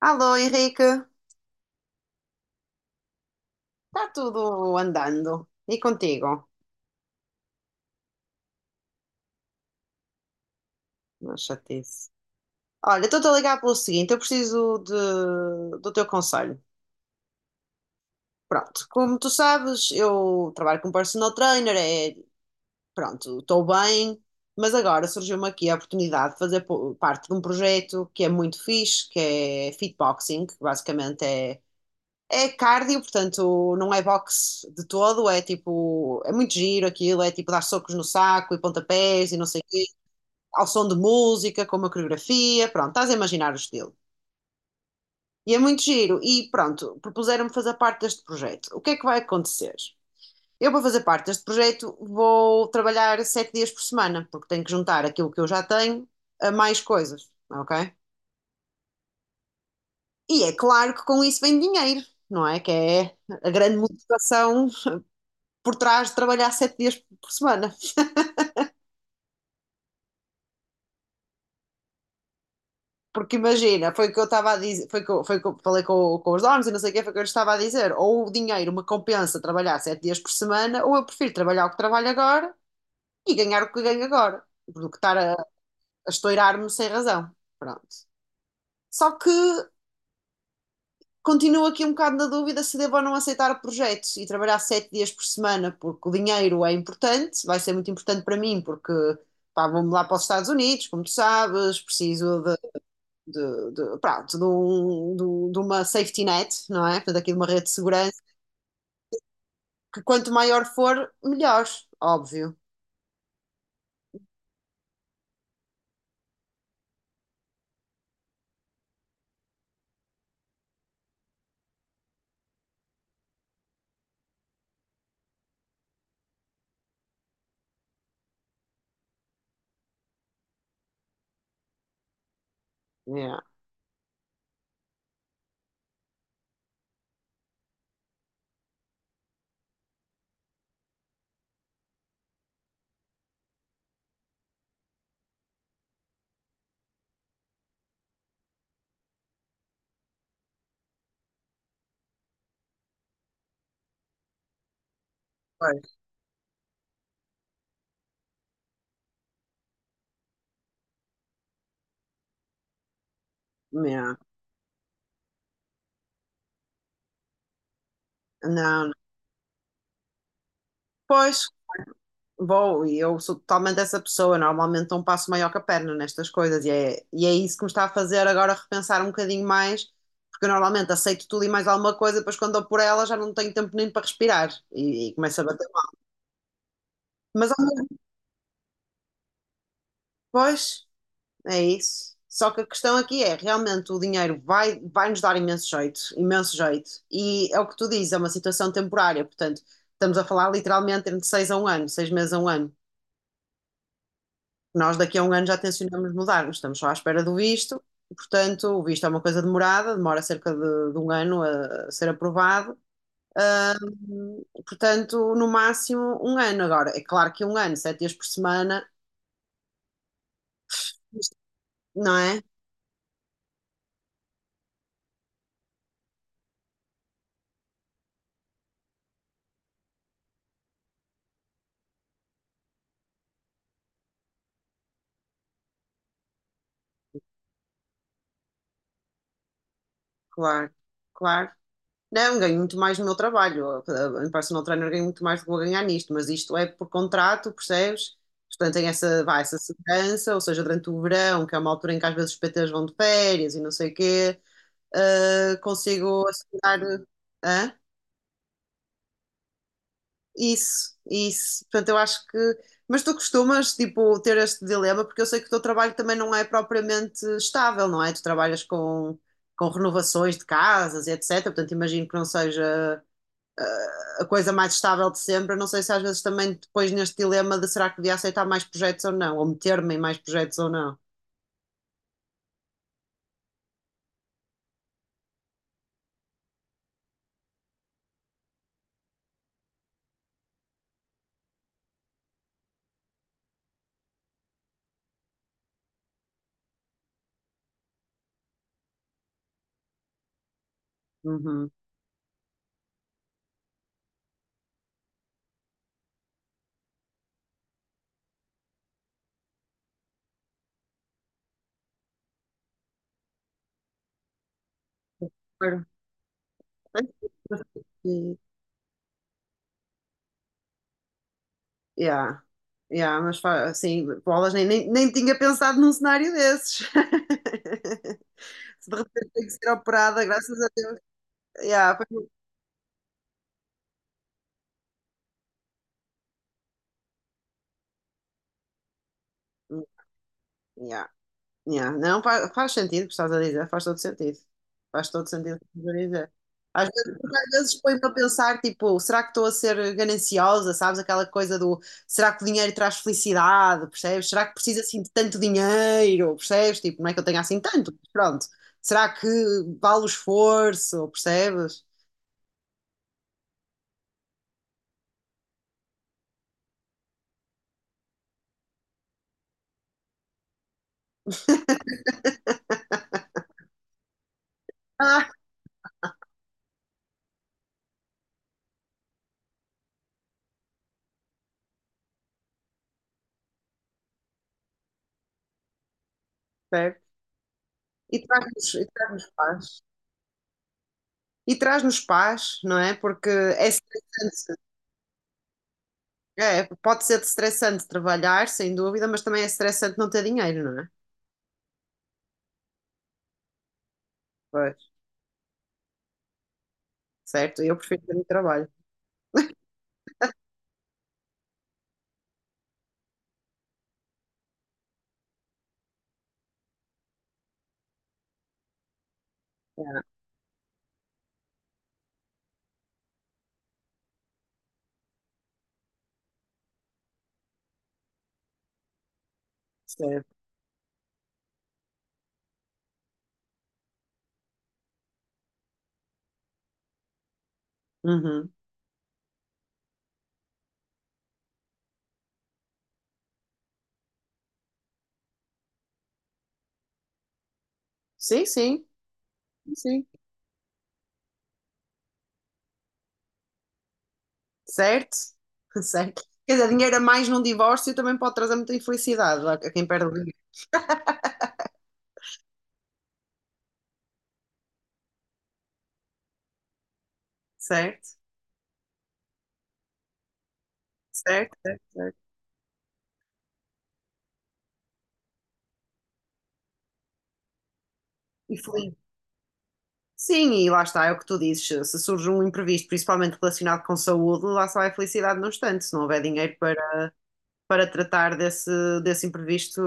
Alô, Henrique, está tudo andando. E contigo? Não, chatice. Olha, estou-te a ligar pelo seguinte, do teu conselho. Pronto, como tu sabes, eu trabalho como personal trainer, é, pronto, estou bem, mas agora surgiu-me aqui a oportunidade de parte de um projeto que é muito fixe, que é fitboxing, que basicamente é cardio, portanto não é boxe de todo, é tipo, é muito giro aquilo, é tipo dar socos no saco e pontapés e não sei, ao som de música, com uma coreografia, pronto, estás a imaginar o estilo. E é muito giro. E pronto, propuseram-me fazer parte deste projeto. O que é que vai acontecer? Eu, para fazer parte deste projeto, vou trabalhar sete dias por semana, porque tenho que juntar aquilo que eu já tenho a mais coisas, ok? E é claro que com isso vem dinheiro, não é? Que é a grande motivação por trás de trabalhar sete dias por semana. Porque imagina, foi o que eu estava a dizer, foi o que eu falei com os donos e não sei o que, foi o que eu lhes estava a dizer. Ou o dinheiro me compensa trabalhar sete dias por semana, ou eu prefiro trabalhar o que trabalho agora e ganhar o que ganho agora, do que a estourar-me sem razão. Pronto. Só que continuo aqui um bocado na dúvida se devo ou não aceitar o projeto e trabalhar sete dias por semana, porque o dinheiro é importante, vai ser muito importante para mim, porque pá, vou-me lá para os Estados Unidos, como tu sabes, preciso de, pronto, de, um- de- um, de uma safety net, não é? Portanto, aqui de uma rede de segurança, que quanto maior for, melhor, óbvio. Yeah. Pois, yeah. Não, pois, bom, e eu sou totalmente essa pessoa, normalmente não passo maior que a perna nestas coisas, e é isso que me está a fazer agora repensar um bocadinho mais, porque eu normalmente aceito tudo e mais alguma coisa, depois quando dou por ela já não tenho tempo nem para respirar, e começo a bater mal. Mas, ao menos, pois, é isso. Só que a questão aqui é, realmente o dinheiro vai nos dar imenso jeito, imenso jeito. E é o que tu dizes, é uma situação temporária, portanto, estamos a falar literalmente entre seis a um ano, seis meses a um ano. Nós daqui a um ano já tencionamos mudar. Nós estamos só à espera do visto, portanto, o visto é uma coisa demorada, demora cerca de um ano a ser aprovado. Portanto, no máximo um ano agora. É claro que um ano, sete dias por semana, não é? Claro, claro. Não, ganho muito mais no meu trabalho. Em personal trainer ganho muito mais do que vou ganhar nisto, mas isto é por contrato, percebes? Portanto, tem essa, vá, essa segurança, ou seja, durante o verão, que é uma altura em que às vezes os PTs vão de férias e não sei o quê, consigo assegurar. Hã? Isso, isso. Portanto, eu acho que. Mas tu costumas, tipo, ter este dilema, porque eu sei que o teu trabalho também não é propriamente estável, não é? Tu trabalhas com renovações de casas e etc. Portanto, imagino que não seja a coisa mais estável de sempre. Eu não sei se às vezes também depois neste dilema de será que devia aceitar mais projetos ou não, ou meter-me em mais projetos ou não. Uhum. Claro. E- yeah, yeah, mas assim, bolas, nem tinha pensado num cenário desses. Se de repente tenho que ser operada, graças a Deus. Yeah, foi... yeah. Yeah, não, faz sentido o que estás a dizer, faz todo sentido. Faz todo sentido o que estás a dizer. Às vezes, porque às vezes põe-me a pensar, tipo, será que estou a ser gananciosa, sabes? Aquela coisa do, será que o dinheiro traz felicidade, percebes? Será que preciso assim de tanto dinheiro, percebes? Tipo, não é que eu tenha assim tanto, mas pronto. Será que vale o esforço, percebes? Ah, percebe? E traz-nos paz. E traz-nos paz, não é? Porque é estressante. É, pode ser estressante trabalhar, sem dúvida, mas também é estressante não ter dinheiro, não é? Pois, certo? Eu prefiro ter um trabalho. É, certo. Uhum. Sim, sim, sim. Certo? Certo. Quer dizer, dinheiro a mais num divórcio também pode trazer muita infelicidade a quem perde o dinheiro. Certo? Certo, certo, certo. E feliz. Sim, e lá está, é o que tu dizes. Se surge um imprevisto, principalmente relacionado com saúde, lá só vai felicidade no instante, se não houver dinheiro para. Para tratar desse imprevisto,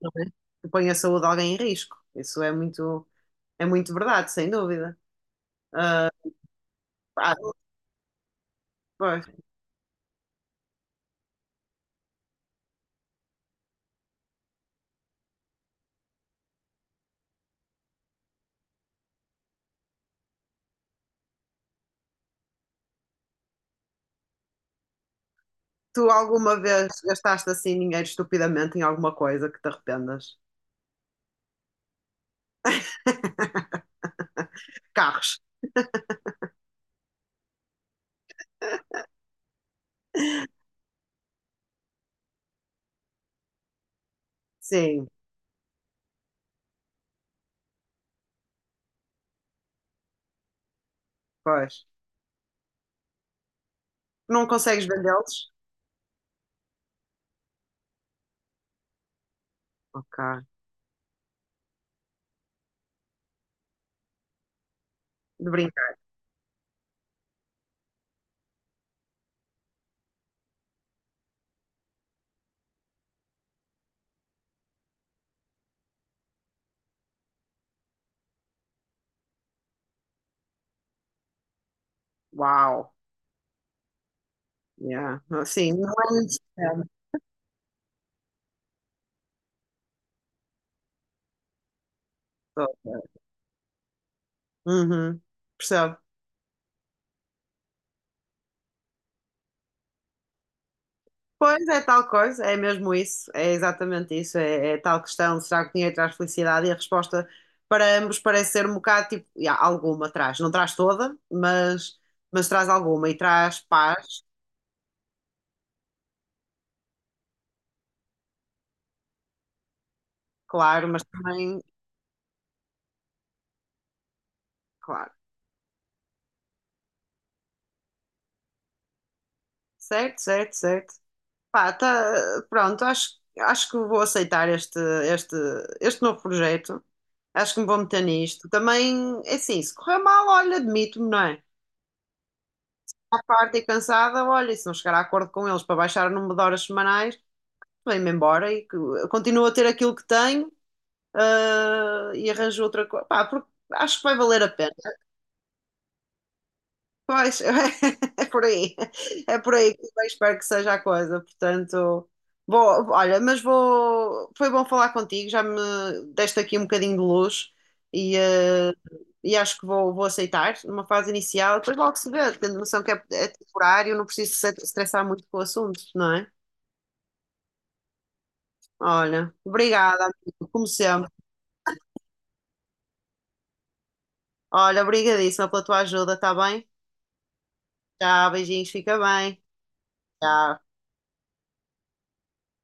não é? Que põe a saúde de alguém em risco. Isso é muito verdade, sem dúvida. Ah, ah, pois. Tu alguma vez gastaste assim dinheiro estupidamente em alguma coisa que te arrependas? Carros. Sim, pois. Não consegues vendê-los? Ok. De brincar. Uau. Yeah. Sim, não é muito. Uhum. Percebo. Pois é tal coisa, é mesmo isso, é exatamente isso, é tal questão, será que o dinheiro traz felicidade? E a resposta para ambos parece ser um bocado tipo, "Ya, alguma traz, não traz toda, mas traz alguma e traz paz, claro, mas também, claro, certo, certo, certo." Pá, tá, pronto, acho que vou aceitar este, este novo projeto, acho que me vou meter nisto. Também, é assim, se correr mal, olha, admito-me, não é? À parte e cansada, olha, e se não chegar a acordo com eles para baixar o número de horas semanais, vem-me embora e continuo a ter aquilo que tenho, ah, e arranjo outra coisa. Pá, porque acho que vai valer a pena. Pois, é por aí. É por aí que eu espero que seja a coisa. Portanto, vou, olha, mas vou. Foi bom falar contigo, já me deste aqui um bocadinho de luz e, eh, e acho que vou aceitar numa fase inicial. Depois logo se vê, tendo noção que é, é temporário, não preciso se estressar muito com o assunto, não é? Olha, obrigada, amigo, como sempre. Olha, obrigadíssima pela tua ajuda, tá bem? Tchau, beijinhos, fica bem. Tchau.